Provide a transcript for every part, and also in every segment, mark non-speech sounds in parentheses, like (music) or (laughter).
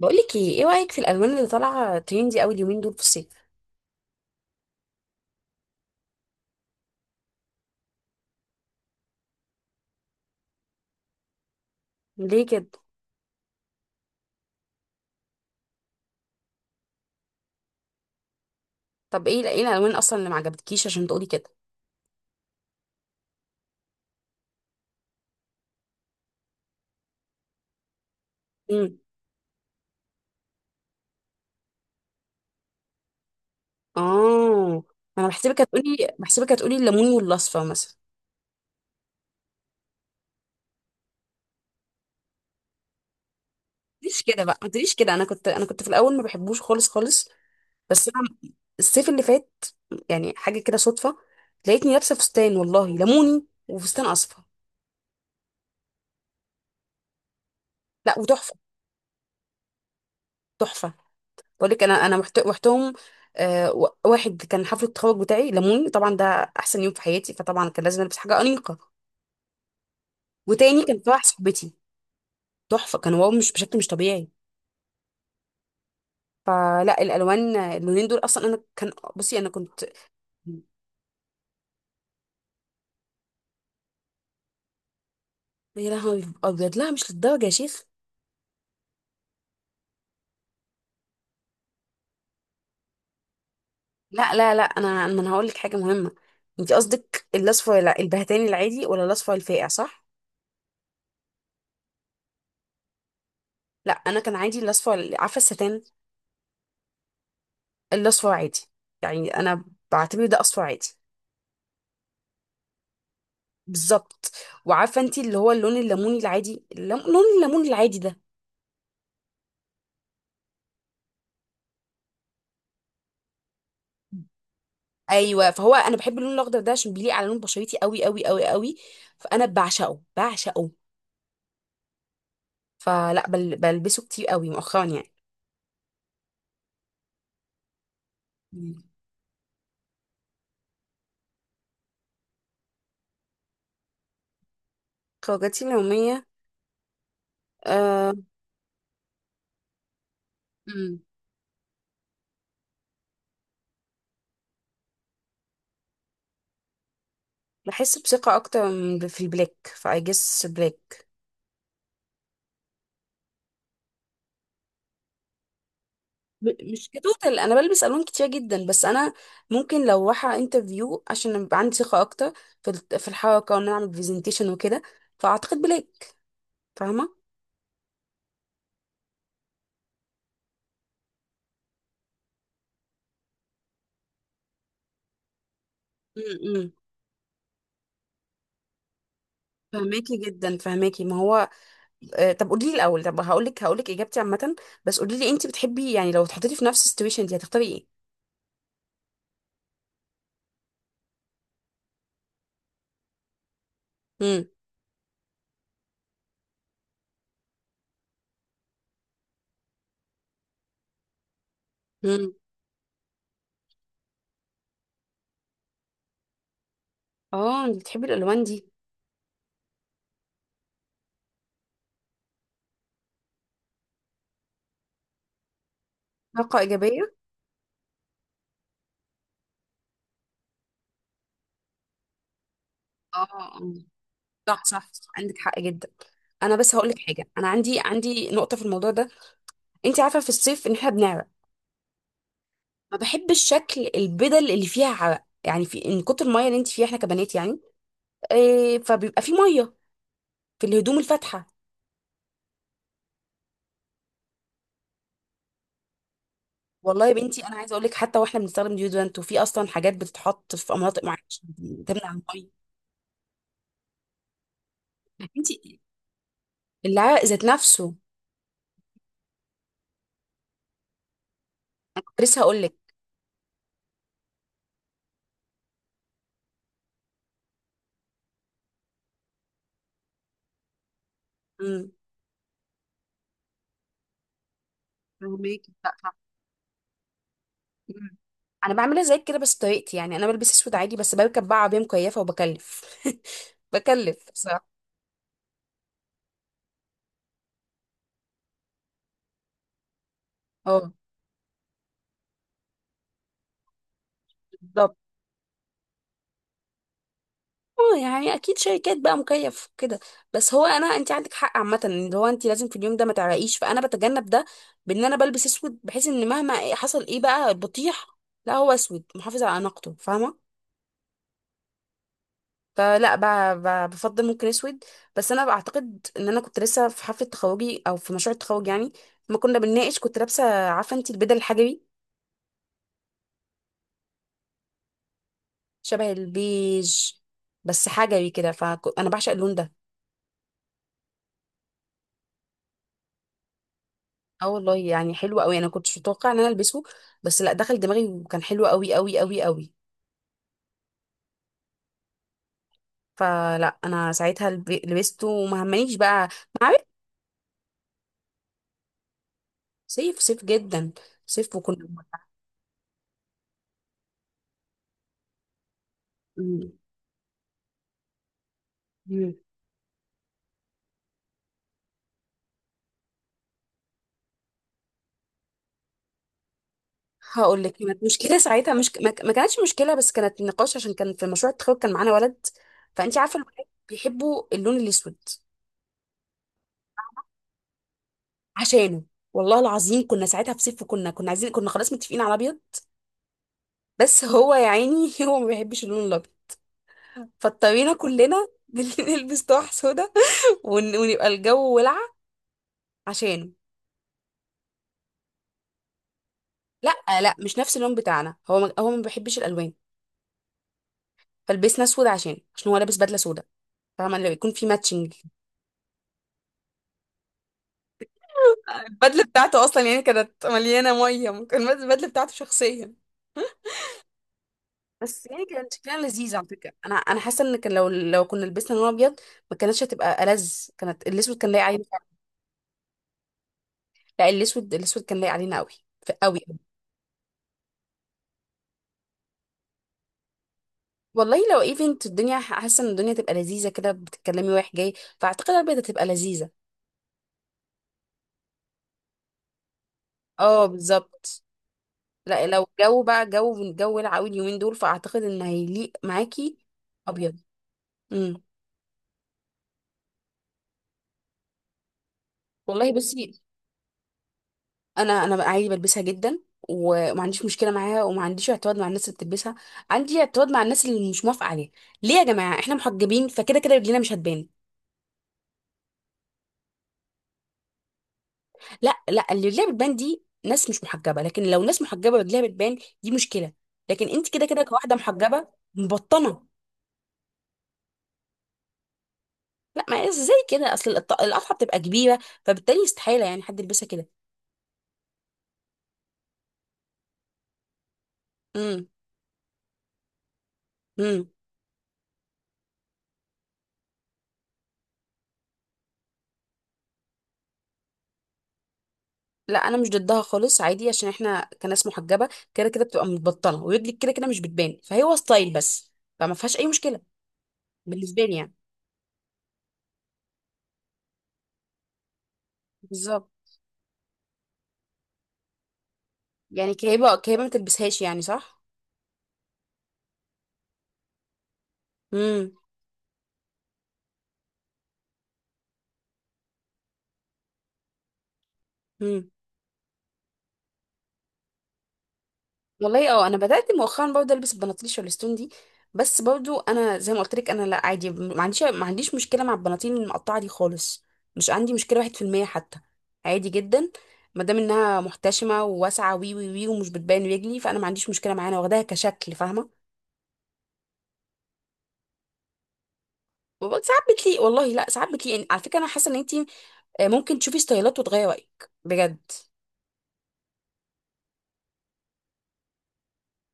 بقولك ايه رأيك في الالوان اللي طالعه تريندي قوي اليومين دول في الصيف؟ ليه كده؟ طب ايه الالوان اصلا اللي ما عجبتكيش عشان تقولي كده؟ امم. اه. انا بحسبك هتقولي الليمون والاصفر مثلا. مش كده بقى، ما تقوليش كده. انا كنت في الاول ما بحبوش خالص خالص. بس انا الصيف اللي فات، يعني حاجه كده صدفه، لقيتني لابسه فستان والله ليموني وفستان اصفر. لا وتحفه. تحفه. بقول لك، انا رحتهم. واحد كان حفله التخرج بتاعي لموني طبعا ده، احسن يوم في حياتي، فطبعا كان لازم البس حاجه انيقه. وتاني كان في واحده صاحبتي. تحفه، كان واو مش بشكل، مش طبيعي. فلا الالوان، اللونين دول اصلا انا كان بصي انا كنت، يا لهوي ابيض، لا مش للدرجه يا شيخ. لا لا لا، انا ما انا هقول لك حاجه مهمه. انت قصدك الاصفر البهتاني العادي ولا الاصفر الفاقع، صح؟ لا، انا كان عادي الاصفر، عارفه الستان. الاصفر عادي. يعني انا بعتبر ده اصفر عادي. بالظبط. وعارفه انت اللي هو اللون الليموني العادي، لون الليمون العادي ده. ايوه، فهو انا بحب اللون الاخضر ده عشان بيليق على لون بشرتي قوي قوي قوي قوي. فانا بعشقه بعشقه. فلا بلبسه كتير قوي مؤخرا يعني. مم. خروجاتي اليوميه. أه... مم. بحس بثقه اكتر في البلاك، فاي جس بلاك. مش كتوتال، انا بلبس الوان كتير جدا، بس انا ممكن لو رايحه انترفيو عشان يبقى عندي ثقه اكتر في الحركه، وان انا اعمل برزنتيشن وكده، فاعتقد بلاك. فاهمه؟ امم. فهماكي جدا، فهماكي، ما هو طب قولي لي الاول، طب هقول لك اجابتي عامه. بس قولي لي انت بتحبي يعني، لو اتحطيتي في نفس السيتويشن دي هتختاري ايه؟ امم. امم. اه، انت بتحبي الالوان دي؟ طاقه ايجابيه. اه. آه. صح صح صح. عندك حق جدا. انا بس هقول لك حاجه، انا عندي نقطه في الموضوع ده. انت عارفه في الصيف ان احنا بنعرق. ما بحبش شكل البدل اللي فيها عرق، يعني في من كتر الميه اللي انت فيها، احنا كبنات يعني، إيه، فبيبقى في ميه في الهدوم الفاتحه. والله يا بنتي انا عايزه اقول لك، حتى واحنا بنستخدم ديودرنت، وفي اصلا حاجات بتتحط في مناطق معينه عشان تمنع الميه. انتي، العرق ذات نفسه. كنت لسه هقول لك. امم. فهميكي. لا، صح. أمم. انا بعملها زيك كده بس بطريقتي. يعني انا بلبس اسود عادي، بس بركب بقى عربيه مكيفه وبكلف (laughs) بكلف، صح؟ اه. بالظبط. اه يعني اكيد شركات بقى مكيف كده. بس هو انا، انت عندك حق عامه، ان هو انت لازم في اليوم ده ما تعرقيش، فانا بتجنب ده بان انا بلبس اسود، بحيث ان مهما حصل ايه بقى بطيح، لا، هو اسود محافظ على اناقته، فاهمه؟ فلا بفضل ممكن اسود. بس انا بعتقد ان انا كنت لسه في حفله تخرجي، او في مشروع التخرج يعني، ما كنا بنناقش، كنت لابسه، عارفه انت، البدل الحجري. شبه البيج. بس حجري كده، فانا بعشق اللون ده. اه والله يعني حلو قوي، انا كنتش متوقعه ان انا البسه، بس لا دخل دماغي، وكان حلو قوي قوي قوي قوي. فلا انا ساعتها لبسته، وما همنيش بقى. ما عارف. صيف صيف جدا. صيف، وكنا. مم. مم. هقول لك، كانت مشكله ساعتها، مش ما كانتش مشكله، بس كانت نقاش. عشان كان في مشروع التخرج كان معانا ولد، فانت عارفه الولاد بيحبوا اللون الاسود. عشانه، والله العظيم كنا ساعتها في صيف، وكنا كنا عايزين، كنا خلاص متفقين على ابيض، بس هو يا عيني (laughs) هو ما بيحبش اللون الابيض، فاضطرينا كلنا (laughs) نلبس طرح سودا، ونبقى الجو ولعة عشانه. لا لا، مش نفس اللون بتاعنا، هو ما بيحبش الالوان. فلبسنا اسود عشانه، عشان هو لابس بدله سودا، فاهمه، اللي بيكون في ماتشنج. البدله بتاعته اصلا يعني كانت مليانه ميه، كان البدله بتاعته شخصيا. بس يعني كانت شكلها لذيذ على فكره. انا حاسه ان كان، لو كنا لبسنا لون ابيض ما كانتش هتبقى ألذ، كانت الاسود كان لايق علينا. لا، الاسود، الاسود كان لايق علينا قوي. قوي. والله لو ايفنت، الدنيا حاسه ان الدنيا تبقى لذيذه كده، بتتكلمي رايح جاي، فاعتقد البيضه تبقى لذيذه. اه، بالظبط. لا لو الجو بقى جو من جو العوي اليومين دول، فاعتقد ان هيليق معاكي ابيض. امم. والله بصي، انا بقى عادي بلبسها جدا، وما عنديش مشكله معاها، وما عنديش اعتراض مع الناس اللي بتلبسها. عندي اعتراض مع الناس اللي مش موافقه عليها. ليه يا جماعه؟ احنا محجبين، فكده كده رجلينا مش هتبان. لا لا، اللي رجليها بتبان دي ناس مش محجبه، لكن لو ناس محجبه رجليها بتبان، دي مشكله. لكن انت كده كده كواحده محجبه، مبطنه. لا، ما ازاي كده؟ اصل القطعه بتبقى كبيره، فبالتالي استحاله يعني حد يلبسها كده. امم. امم. لا انا مش ضدها خالص، عادي، عشان احنا كناس محجبه كده كده بتبقى متبطنه، ورجلك كده كده مش بتبان، فهو ستايل بس، فما فيهاش اي مشكله، بالنسبه لي يعني. بالظبط. يعني كهيبه كهيبه ما تلبسهاش يعني، صح؟ امم. امم. والله اه، انا بدات مؤخرا برضه البس البناطيل الستون دي. بس برضه انا زي ما قلت لك، انا لا عادي، ما عنديش مشكله مع البناطيل المقطعه دي خالص. مش عندي مشكله 1% حتى. عادي جدا. ما دام انها محتشمه وواسعه وي وي وي، ومش بتبان رجلي، فانا ما عنديش مشكله معاها، انا واخداها كشكل، فاهمه. وبرضه ساعات بتليق، والله لا ساعات بتليق يعني على فكره. انا حاسه ان انت ممكن تشوفي ستايلات وتغيري رايك بجد.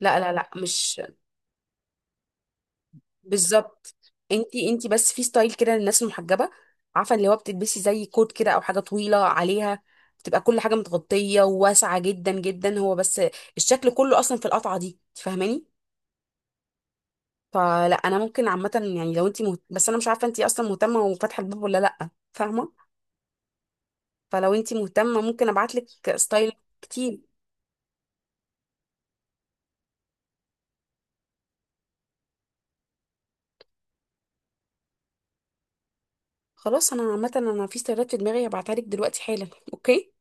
لا لا لا، مش بالظبط. انتي بس في ستايل كده للناس المحجبه، عارفه اللي هو بتلبسي زي كوت كده، او حاجه طويله عليها، بتبقى كل حاجه متغطيه وواسعه جدا جدا. هو بس الشكل كله اصلا في القطعه دي، تفهماني؟ فلا انا ممكن عامه يعني، لو انتي بس انا مش عارفه انتي اصلا مهتمه وفاتحه الباب ولا لا، فاهمه. فلو انتي مهتمه ممكن ابعتلك ستايل كتير. خلاص، انا عامه انا في ستايلات في دماغي هبعتها لك دلوقتي حالا. (laughs) اوكي.